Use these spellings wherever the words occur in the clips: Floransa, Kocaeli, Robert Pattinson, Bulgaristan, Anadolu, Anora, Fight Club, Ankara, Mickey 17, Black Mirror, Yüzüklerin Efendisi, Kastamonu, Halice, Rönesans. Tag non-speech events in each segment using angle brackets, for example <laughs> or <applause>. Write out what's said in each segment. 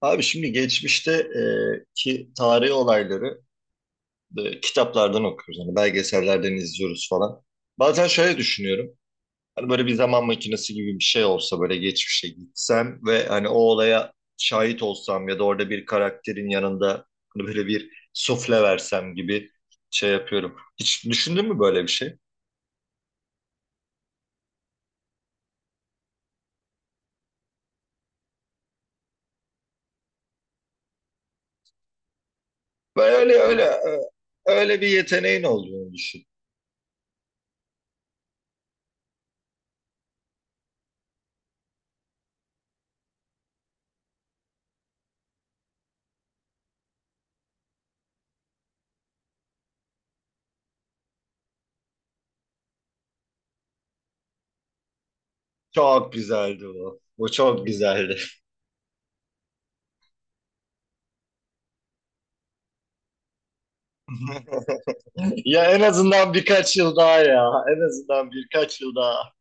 Abi şimdi geçmişte ki tarihi olayları kitaplardan okuyoruz. Hani belgesellerden izliyoruz falan. Bazen şöyle düşünüyorum. Hani böyle bir zaman makinesi gibi bir şey olsa böyle geçmişe gitsem ve hani o olaya şahit olsam ya da orada bir karakterin yanında hani böyle bir sufle versem gibi şey yapıyorum. Hiç düşündün mü böyle bir şey? Böyle öyle öyle bir yeteneğin olduğunu düşün. Çok güzeldi bu. Bu çok güzeldi. <laughs> Ya en azından birkaç yıl daha ya. En azından birkaç yıl daha.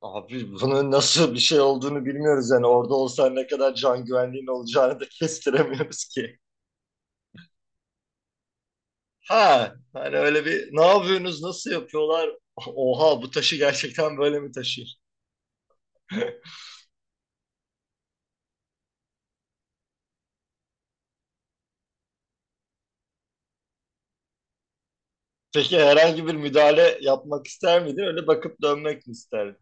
Abi bunun nasıl bir şey olduğunu bilmiyoruz yani. Orada olsan ne kadar can güvenliğin olacağını da <laughs> kestiremiyoruz ki. Ha, hani öyle bir ne yapıyorsunuz, nasıl yapıyorlar? <laughs> Oha bu taşı gerçekten böyle mi taşır? <laughs> Peki herhangi bir müdahale yapmak ister miydin? Öyle bakıp dönmek mi isterdin?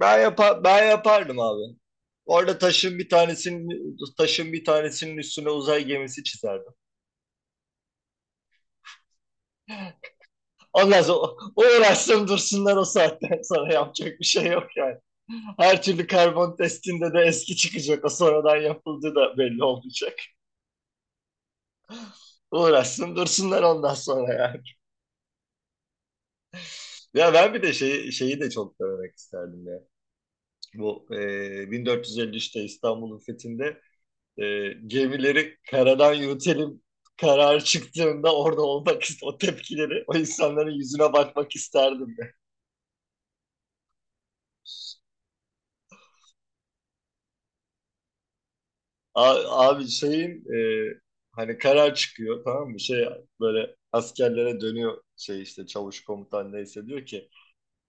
Ben yapar, ben yapardım abi. Orada taşın bir tanesinin üstüne uzay gemisi çizerdim. Ondan sonra o uğraşsın dursunlar o saatten sonra yapacak bir şey yok yani. Her türlü karbon testinde de eski çıkacak. O sonradan yapıldığı da belli olmayacak. Uğraşsın dursunlar ondan sonra yani. Ya ben bir de şeyi de çok denemek isterdim ya. Bu 1453'te İstanbul'un fethinde, e, gemileri karadan yürütelim karar çıktığında orada o tepkileri, o insanların yüzüne bakmak isterdim. Ya. Abi şeyin, e, hani karar çıkıyor, tamam mı? Şey, böyle askerlere dönüyor, şey işte çavuş, komutan neyse, diyor ki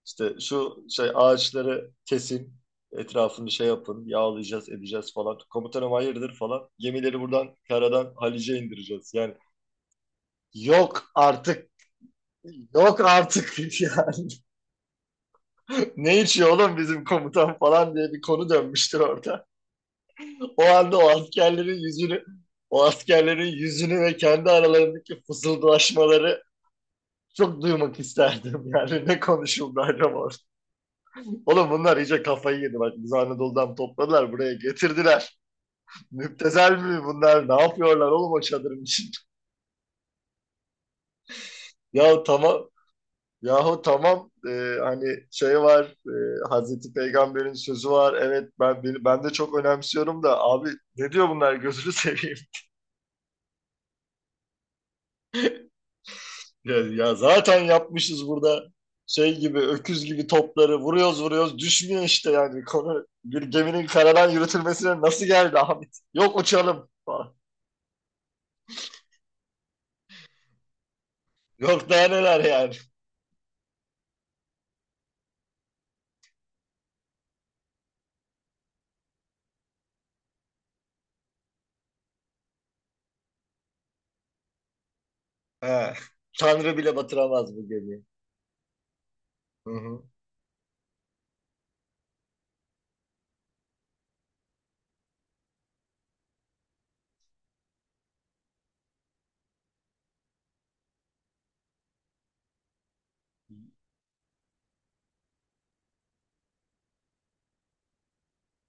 işte şu şey ağaçları kesin, etrafını şey yapın, yağlayacağız edeceğiz falan. Komutanım hayırdır falan. Gemileri buradan karadan Halice indireceğiz. Yani yok artık, yok artık. <laughs> Yani ne içiyor oğlum bizim komutan falan diye bir konu dönmüştür orada. O anda o askerlerin yüzünü, ve kendi aralarındaki fısıldaşmaları çok duymak isterdim. <laughs> Yani ne konuşuldu acaba orada? Oğlum bunlar iyice kafayı yedi. Bak biz, Anadolu'dan topladılar buraya getirdiler. Müptezel mi bunlar? Ne yapıyorlar oğlum o çadırın içinde? <laughs> Ya tamam. Yahu tamam. Hani şey var, Hazreti Peygamber'in sözü var, evet, ben de çok önemsiyorum da abi, ne diyor bunlar gözünü seveyim. Ya, ya zaten yapmışız burada şey gibi, öküz gibi topları vuruyoruz vuruyoruz düşmüyor işte, yani konu bir geminin karadan yürütülmesine nasıl geldi Ahmet? Yok uçalım falan. Yok daha neler yani. He. Tanrı bile batıramaz bu gemiyi. Hı hı.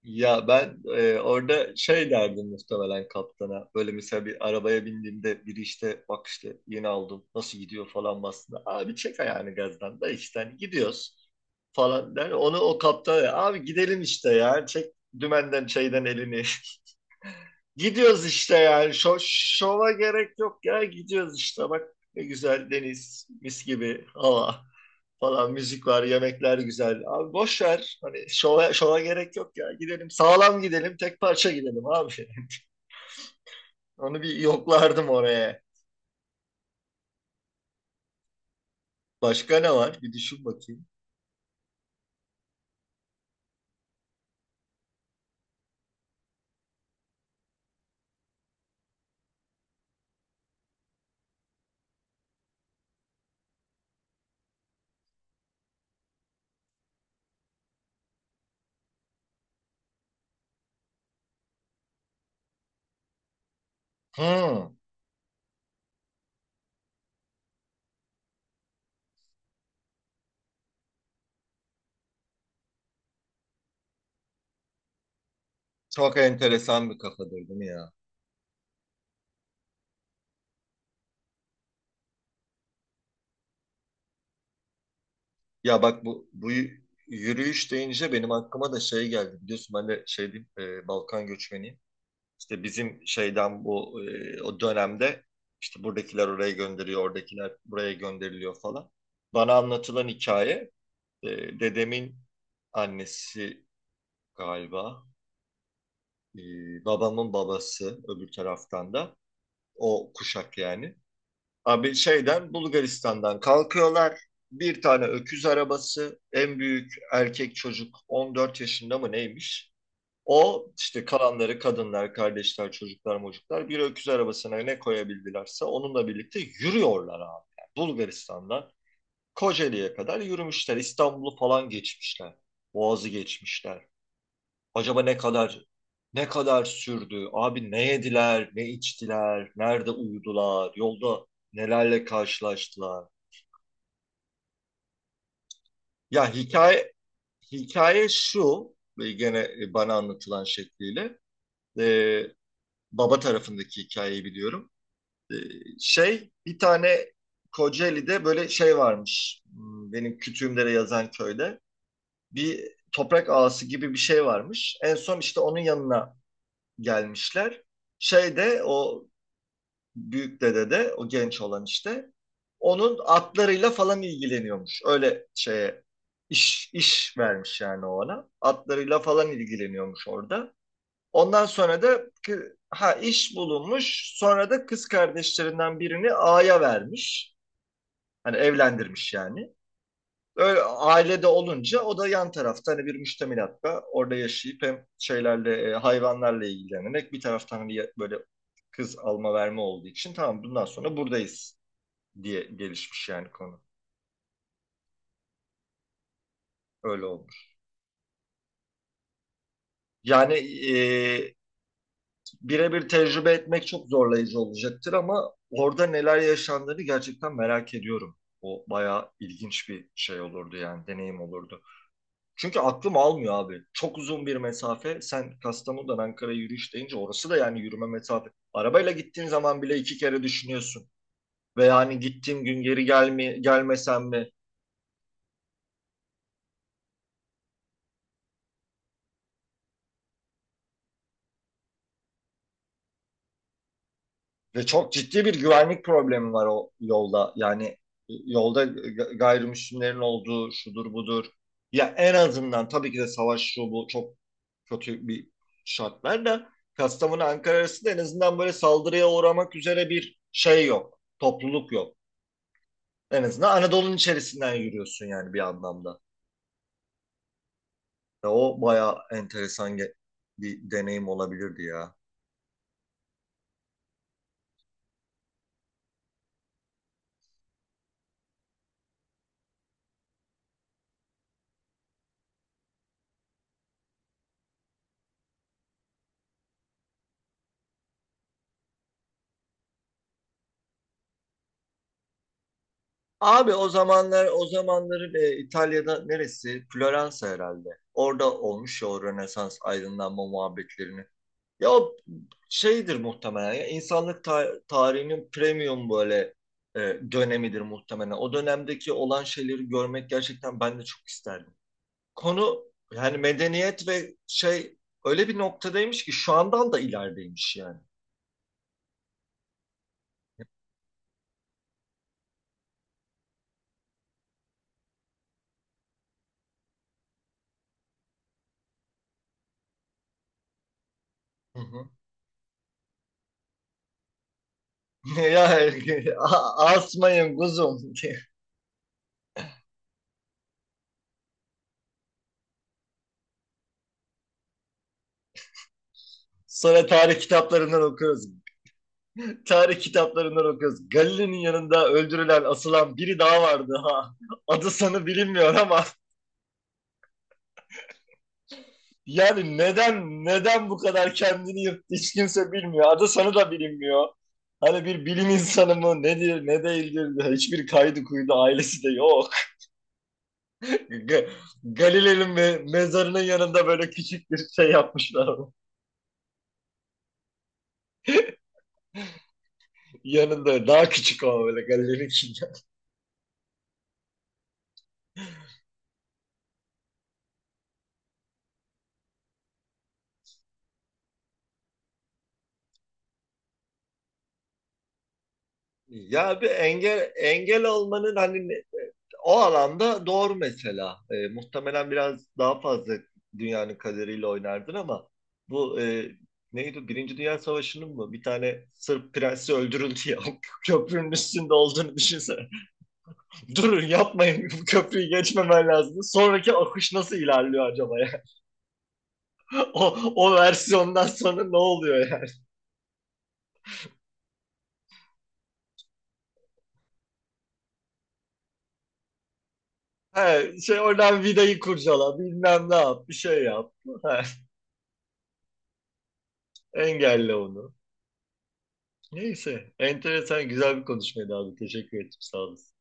Ya ben orada şey derdim muhtemelen kaptana. Böyle mesela bir arabaya bindiğimde biri işte bak işte yeni aldım nasıl gidiyor falan basında. Abi çek ayağını gazdan da işte hani gidiyoruz falan der. Onu o kaptana, "Ya abi gidelim işte ya, çek dümenden şeyden elini." <laughs> Gidiyoruz işte yani. Şo, şova gerek yok ya, gidiyoruz işte, bak ne güzel deniz, mis gibi hava falan, müzik var, yemekler güzel. Abi boş ver. Hani şova gerek yok ya. Gidelim sağlam gidelim, tek parça gidelim abi. <laughs> Onu bir yoklardım oraya. Başka ne var? Bir düşün bakayım. Hmm, çok enteresan bir kafadır değil mi ya? Ya bak, bu yürüyüş deyince benim aklıma da şey geldi. Biliyorsun ben de şey diyeyim, Balkan göçmeniyim. İşte bizim şeyden, bu o dönemde işte buradakiler oraya gönderiyor, oradakiler buraya gönderiliyor falan. Bana anlatılan hikaye, dedemin annesi galiba. e, Babamın babası öbür taraftan da. O kuşak yani. Abi şeyden, Bulgaristan'dan kalkıyorlar. Bir tane öküz arabası. En büyük erkek çocuk 14 yaşında mı neymiş? O işte, kalanları kadınlar, kardeşler, çocuklar, mocuklar, bir öküz arabasına ne koyabildilerse onunla birlikte yürüyorlar abi. Yani Bulgaristan'dan Kocaeli'ye kadar yürümüşler. İstanbul'u falan geçmişler. Boğaz'ı geçmişler. Acaba ne kadar, sürdü? Abi ne yediler, ne içtiler, nerede uyudular, yolda nelerle karşılaştılar? Ya hikaye şu ve gene, bana anlatılan şekliyle e, baba tarafındaki hikayeyi biliyorum. E, Şey, bir tane Kocaeli'de böyle şey varmış. Hmm. Benim kütüğümde yazan köyde bir toprak ağası gibi bir şey varmış. En son işte onun yanına gelmişler, şeyde o büyük dede de, o genç olan işte, onun atlarıyla falan ilgileniyormuş. Öyle şeye iş vermiş yani o ona. Atlarıyla falan ilgileniyormuş orada. Ondan sonra da ha, iş bulunmuş. Sonra da kız kardeşlerinden birini ağaya vermiş. Hani evlendirmiş yani. Öyle ailede olunca o da yan tarafta hani bir müştemilatta orada yaşayıp hem şeylerle, hayvanlarla ilgilenerek bir taraftan, hani böyle kız alma verme olduğu için tamam bundan sonra buradayız diye gelişmiş yani konu. Öyle olmuş. Yani e, birebir tecrübe etmek çok zorlayıcı olacaktır ama orada neler yaşandığını gerçekten merak ediyorum. O bayağı ilginç bir şey olurdu, yani deneyim olurdu. Çünkü aklım almıyor abi. Çok uzun bir mesafe. Sen Kastamonu'dan Ankara'ya yürüyüş deyince orası da yani yürüme mesafe. Arabayla gittiğin zaman bile iki kere düşünüyorsun. Ve yani gittiğim gün geri gelmesem mi? Ve çok ciddi bir güvenlik problemi var o yolda. Yani yolda gayrimüslimlerin olduğu şudur budur. Ya en azından tabii ki de savaş şu bu çok kötü bir şartlar da Kastamonu Ankara arasında en azından böyle saldırıya uğramak üzere bir şey yok. Topluluk yok. En azından Anadolu'nun içerisinden yürüyorsun yani bir anlamda. Ya o bayağı enteresan bir deneyim olabilirdi ya. Abi o zamanlar, o zamanları İtalya'da neresi? Floransa herhalde. Orada olmuş ya o Rönesans aydınlanma muhabbetlerini. Ya o şeydir muhtemelen ya, insanlık tarihinin premium böyle e, dönemidir muhtemelen. O dönemdeki olan şeyleri görmek gerçekten ben de çok isterdim. Konu yani medeniyet ve şey öyle bir noktadaymış ki şu andan da ilerideymiş yani. Hı hı. <laughs> Ya asmayın kuzum. <laughs> Sonra tarih kitaplarından okuyoruz. Tarih kitaplarından okuyoruz. Galile'nin yanında öldürülen, asılan biri daha vardı ha. Adı sanı bilinmiyor ama yani neden bu kadar kendini yırttı hiç kimse bilmiyor. Adı sanı da bilinmiyor. Hani bir bilim insanı mı nedir ne değildir, hiçbir kaydı kuydu, ailesi de yok. Ga- Galile'nin mezarının yanında böyle küçük bir şey yapmışlar <laughs> ama. Yanında daha küçük ama, böyle Galile'ninkinden. Ya bir engel olmanın hani o alanda doğru mesela. Muhtemelen biraz daha fazla dünyanın kaderiyle oynardın ama bu neydi? Birinci Dünya Savaşı'nın mı? Bir tane Sırp prensi öldürüldü ya. <laughs> O köprünün üstünde olduğunu düşünsene. <laughs> Durun, yapmayın. Bu köprüyü geçmemen lazım. Sonraki akış nasıl ilerliyor acaba ya? O, versiyondan sonra ne oluyor yani? He, şey oradan vidayı kurcala, bilmem ne yap, bir şey yap. He, engelle onu. Neyse, enteresan güzel bir konuşmaydı abi. Teşekkür ederim, sağ olasın.